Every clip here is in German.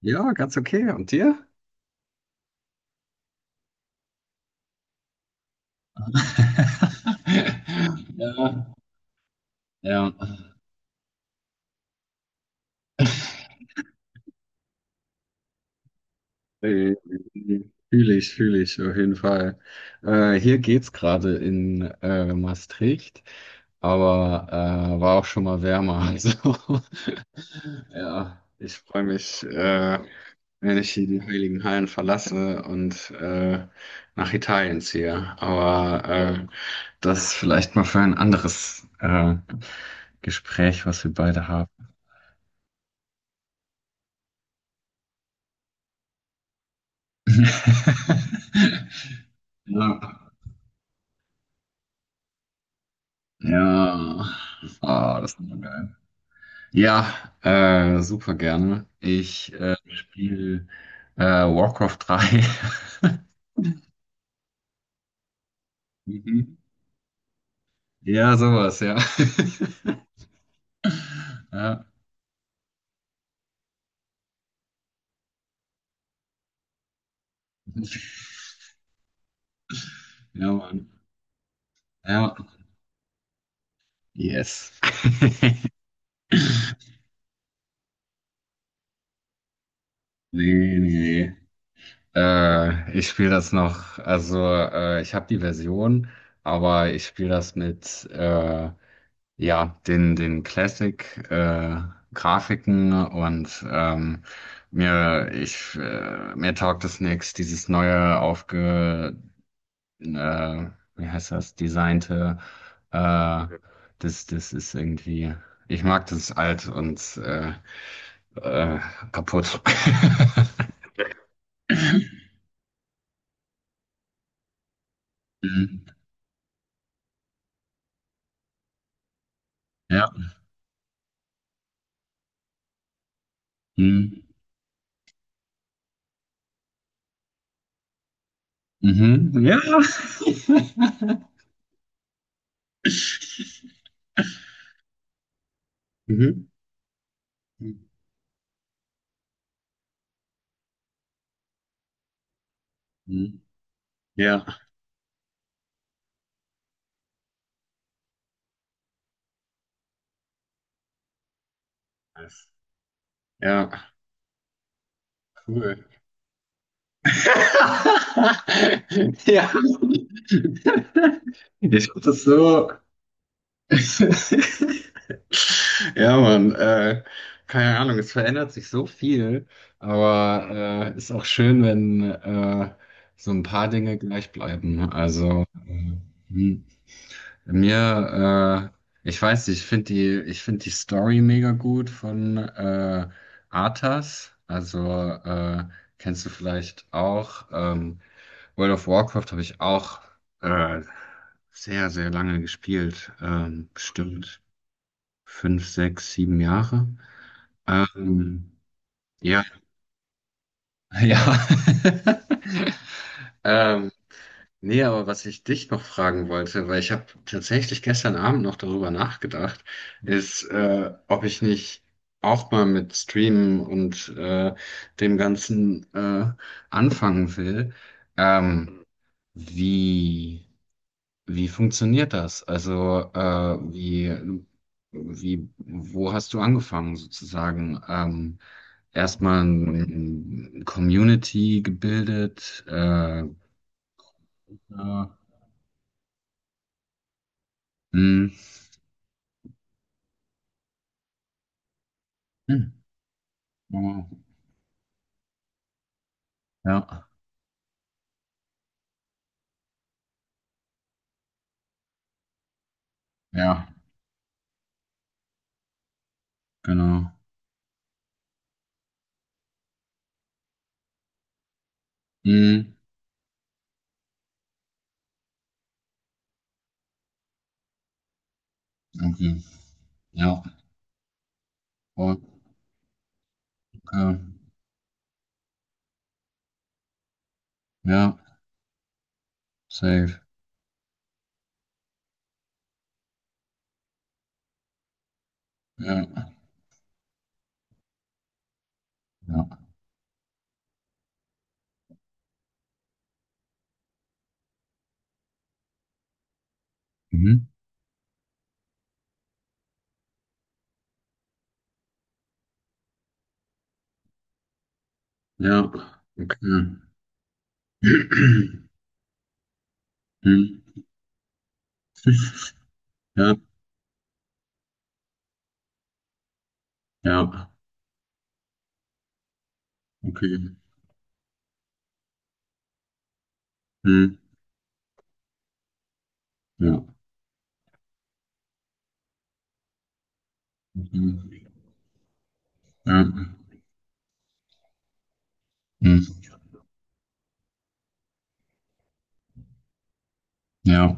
Ja, ganz okay. Und dir? Ja, ja, Äh, fühle ich auf jeden Fall. Hier geht's gerade in Maastricht, aber war auch schon mal wärmer. Also, ja, ich freue mich, wenn ich hier die Heiligen Hallen verlasse und nach Italien ziehe. Aber das vielleicht mal für ein anderes Gespräch, was wir beide haben. Ja, ja. Ah, das ist immer geil. Ja, super gerne. Ich spiele Warcraft 3. Mhm. Ja, sowas, ja. Ja, ja, Mann. Ja, yes. Nee, nee. Ich spiele das noch, also ich habe die Version, aber ich spiele das mit ja, den Classic, Grafiken, und mir taugt es nix, dieses neue aufge, äh, wie heißt das, designte, äh, das ist irgendwie, ich mag das alt und äh, kaputt. Mhm. Ja. Mhm. Mhm. Ja. Mhm. Mhm. Ja. Ja, cool. Ja. Ich hab das so. Ja, Mann. Keine Ahnung, es verändert sich so viel, aber ist auch schön, wenn so ein paar Dinge gleich bleiben, ne? Also, hm. mir, ich weiß nicht, ich finde die Story mega gut von Arthas. Also, äh, kennst du vielleicht auch. World of Warcraft habe ich auch äh, sehr, sehr lange gespielt. Bestimmt 5, 6, 7 Jahre. Ähm, ja, ja. Ähm, nee, aber was ich dich noch fragen wollte, weil ich habe tatsächlich gestern Abend noch darüber nachgedacht, ist, ob ich nicht auch mal mit Streamen und dem Ganzen anfangen will. Ähm, wie. Wie funktioniert das? Also, wo hast du angefangen sozusagen? Erstmal eine Community gebildet. Äh, hm, hm, oh, ja, ja, genau. Hm, okay, ja, okay, ja, safe, ja, ja, mhm, ja, okay, hm, ja, ja, okay, hm, ja, okay. Ja, mhm. Ja,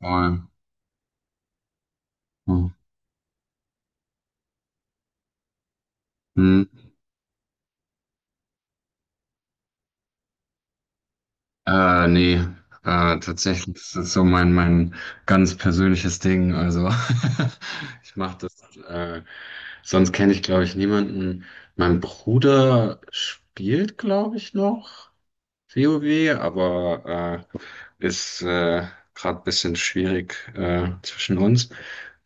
voll. Mhm. Nee, tatsächlich, das ist so mein ganz persönliches Ding. Also, ich mache das, sonst kenne ich, glaube ich, niemanden. Mein Bruder spielt, glaube ich, noch WoW, aber äh, ist gerade ein bisschen schwierig zwischen uns.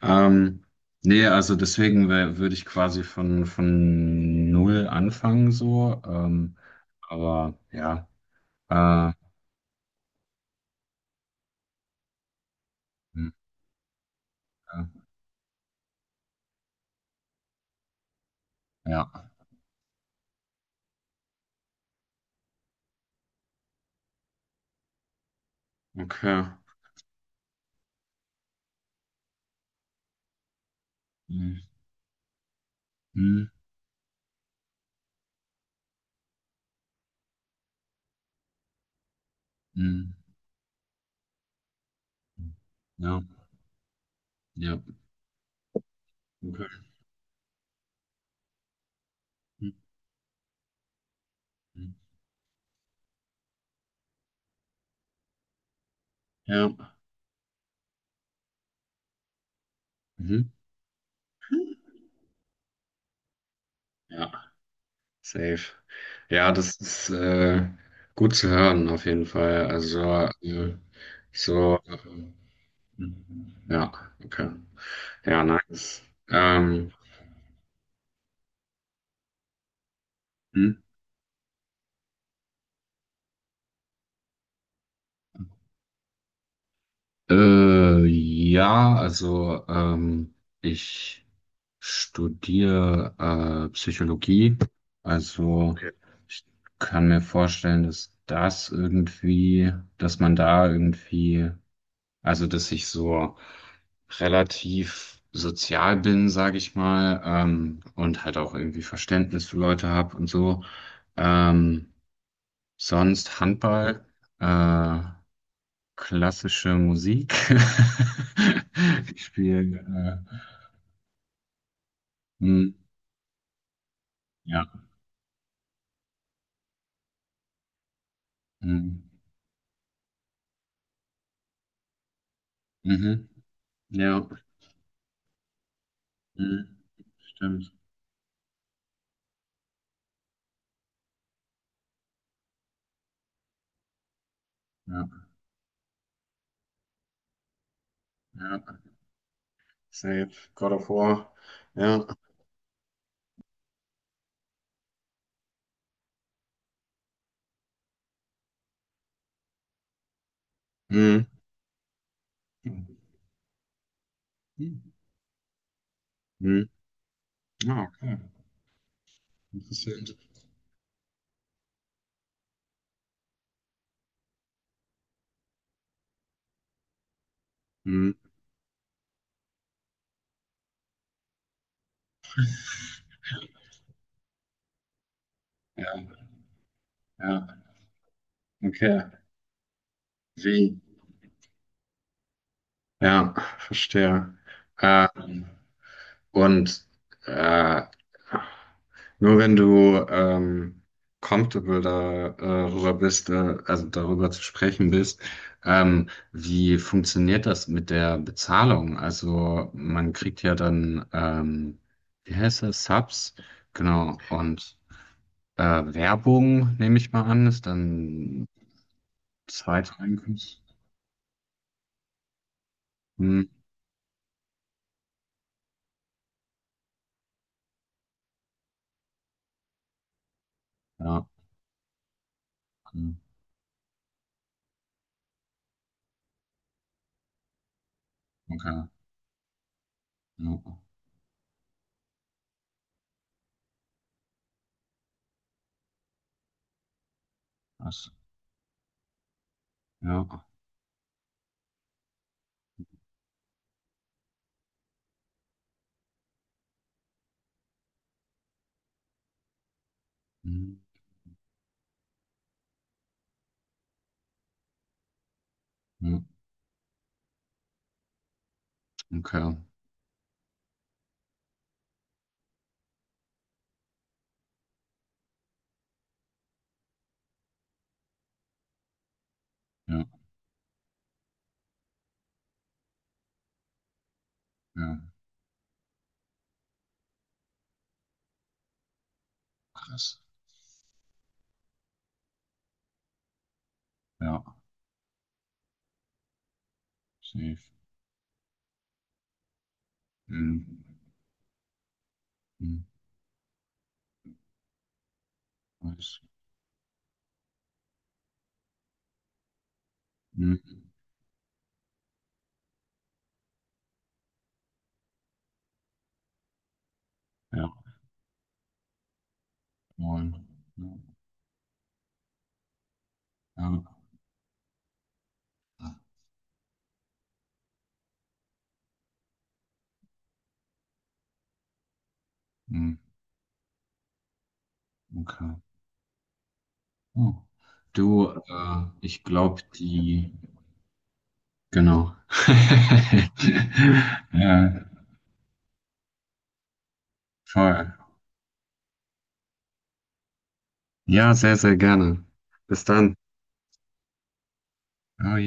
Ähm, nee, also deswegen würde ich quasi von null anfangen so. Aber ja. Äh, hm, ja. Okay. Hm, hm, hm. Ja, ja. Okay. Hm, hm. Ja. Mhm. Ja, safe. Ja, das ist gut zu hören, auf jeden Fall. Also, äh, so. Mhm. Ja, okay. Ja, nice. Ähm, hm? Ja, also, ich studiere Psychologie. Also okay. Ich kann mir vorstellen, dass das irgendwie, dass man da irgendwie, also dass ich so relativ sozial bin, sage ich mal, und halt auch irgendwie Verständnis für Leute habe und so. Ähm, Sonst Handball, äh, klassische Musik. Ich spiele, hm, ja, hm, mhm, ja, hm, stimmt, ja, ja, safe, God of War, ja, hm, hm, hm, ah, okay, interessant, hm, ja, ja, okay, wie, ja, verstehe. Äh, Und äh, nur wenn du comfortable darüber bist, also darüber zu sprechen bist, wie funktioniert das mit der Bezahlung? Also, man kriegt ja dann, wie heißt das, Subs, genau, und Werbung, nehme ich mal an, ist dann zweite Einkunft. Hm, ja, hm, okay, ja, was, ja, hm, hm, okay, ja, ja. Krass. Ja, safe. Mhm. Mhm. Nice. Mhm. Ja, moin. Ja. Ja. Mhm. Okay. Oh. Du, ich glaube, die, genau. Ja, voll. Ja, sehr, sehr gerne. Bis dann. Oi.